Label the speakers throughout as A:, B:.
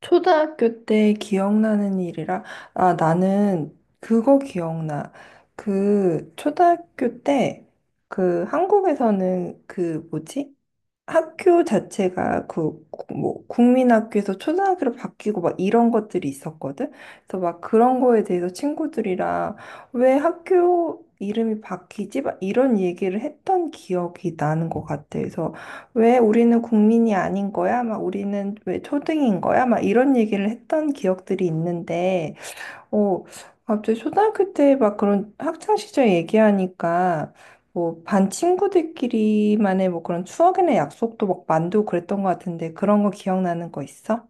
A: 초등학교 때 기억나는 일이라, 아, 나는 그거 기억나. 그, 초등학교 때, 그, 한국에서는 그, 뭐지? 학교 자체가 그, 뭐, 국민학교에서 초등학교로 바뀌고 막 이런 것들이 있었거든? 그래서 막 그런 거에 대해서 친구들이랑 왜 학교 이름이 바뀌지? 막 이런 얘기를 했던 기억이 나는 것 같아. 그래서 왜 우리는 국민이 아닌 거야? 막 우리는 왜 초등인 거야? 막 이런 얘기를 했던 기억들이 있는데 어, 갑자기 초등학교 때 막 그런 학창 시절 얘기하니까 뭐 반 친구들끼리만의 뭐 그런 추억이나 약속도 막 만들고 그랬던 것 같은데 그런 거 기억나는 거 있어?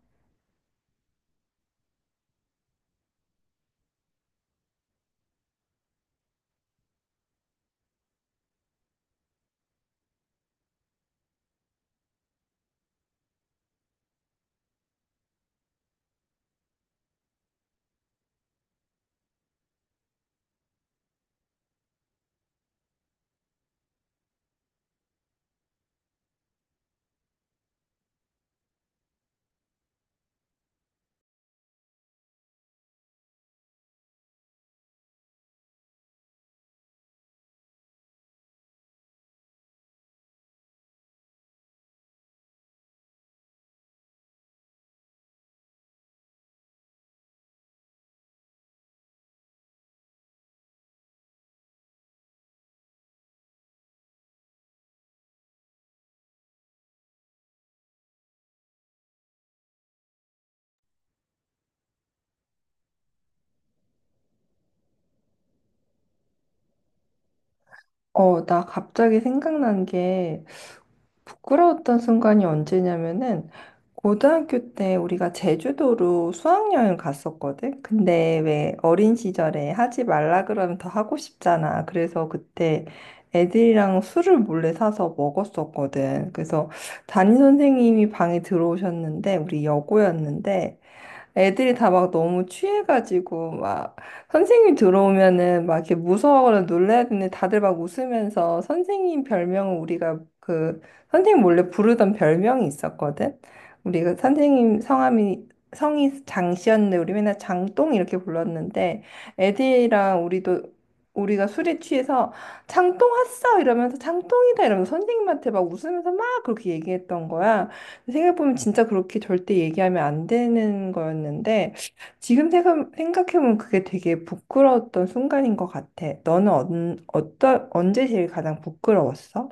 A: 어, 나 갑자기 생각난 게 부끄러웠던 순간이 언제냐면은 고등학교 때 우리가 제주도로 수학여행 갔었거든. 근데 왜 어린 시절에 하지 말라 그러면 더 하고 싶잖아. 그래서 그때 애들이랑 술을 몰래 사서 먹었었거든. 그래서 담임 선생님이 방에 들어오셨는데 우리 여고였는데 애들이 다 막 너무 취해가지고 막 선생님 들어오면은 막 이렇게 무서워하거나 놀라야 되는데 다들 막 웃으면서 선생님 별명은 우리가 그 선생님 원래 부르던 별명이 있었거든. 우리가 선생님 성함이 성이 장씨였는데 우리 맨날 장똥 이렇게 불렀는데 애들이랑 우리도 우리가 술에 취해서 장똥 왔어 이러면서 장똥이다 이러면서 선생님한테 막 웃으면서 막 그렇게 얘기했던 거야. 생각해보면 진짜 그렇게 절대 얘기하면 안 되는 거였는데, 생각해보면 그게 되게 부끄러웠던 순간인 것 같아. 너는 언제 제일 가장 부끄러웠어?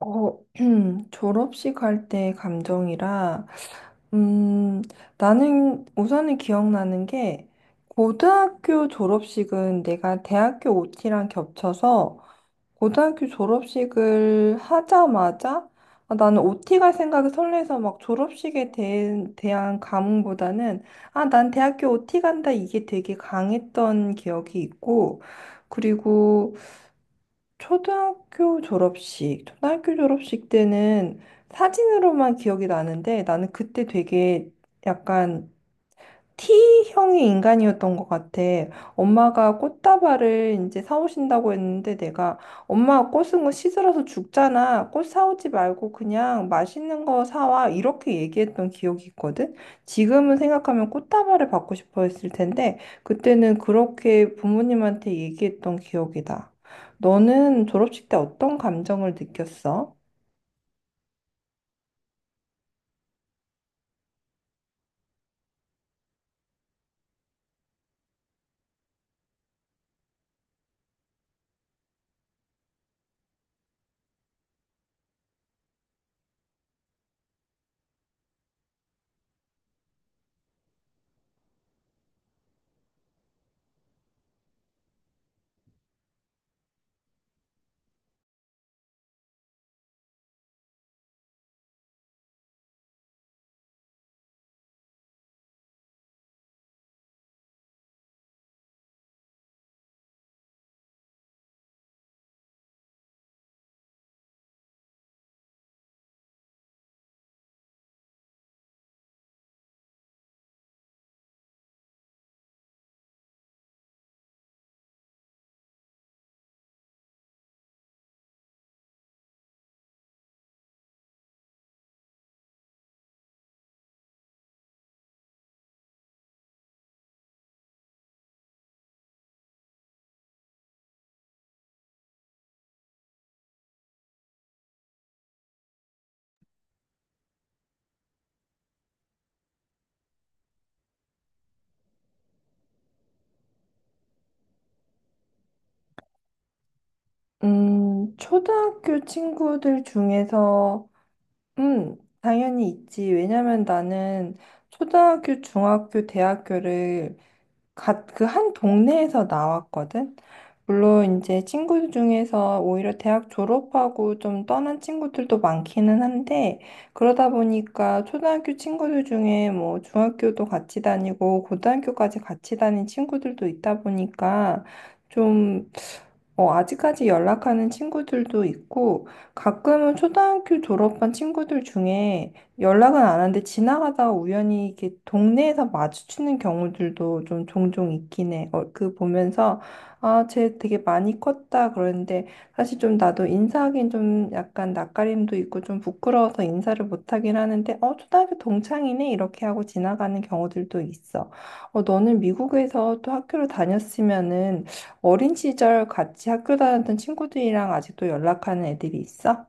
A: 어, 졸업식 할 때 감정이라, 음, 나는 우선은 기억나는 게, 고등학교 졸업식은 내가 대학교 OT랑 겹쳐서 고등학교 졸업식을 하자마자 아, 나는 OT 갈 생각에 설레서 막 졸업식에 대한 감흥보다는 아, 난 대학교 OT 간다 이게 되게 강했던 기억이 있고 그리고 초등학교 졸업식 때는 사진으로만 기억이 나는데 나는 그때 되게 약간 T형의 인간이었던 것 같아. 엄마가 꽃다발을 이제 사오신다고 했는데 내가 엄마 꽃은 거 시들어서 죽잖아. 꽃 사오지 말고 그냥 맛있는 거 사와. 이렇게 얘기했던 기억이 있거든. 지금은 생각하면 꽃다발을 받고 싶어 했을 텐데 그때는 그렇게 부모님한테 얘기했던 기억이다. 너는 졸업식 때 어떤 감정을 느꼈어? 초등학교 친구들 중에서 음, 당연히 있지. 왜냐면 나는 초등학교, 중학교, 대학교를 그 한 동네에서 나왔거든. 물론 이제 친구 중에서 오히려 대학 졸업하고 좀 떠난 친구들도 많기는 한데 그러다 보니까 초등학교 친구들 중에 뭐 중학교도 같이 다니고 고등학교까지 같이 다닌 친구들도 있다 보니까 좀 어, 아직까지 연락하는 친구들도 있고 가끔은 초등학교 졸업한 친구들 중에 연락은 안 하는데 지나가다가 우연히 이렇게 동네에서 마주치는 경우들도 좀 종종 있긴 해. 어, 그 보면서 아, 쟤 되게 많이 컸다 그러는데 사실 좀 나도 인사하긴 좀 약간 낯가림도 있고 좀 부끄러워서 인사를 못 하긴 하는데 어, 초등학교 동창이네 이렇게 하고 지나가는 경우들도 있어. 어, 너는 미국에서 또 학교를 다녔으면은 어린 시절 같이 학교 다녔던 친구들이랑 아직도 연락하는 애들이 있어?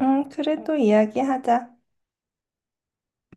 A: 응, 그래 또 이야기하자.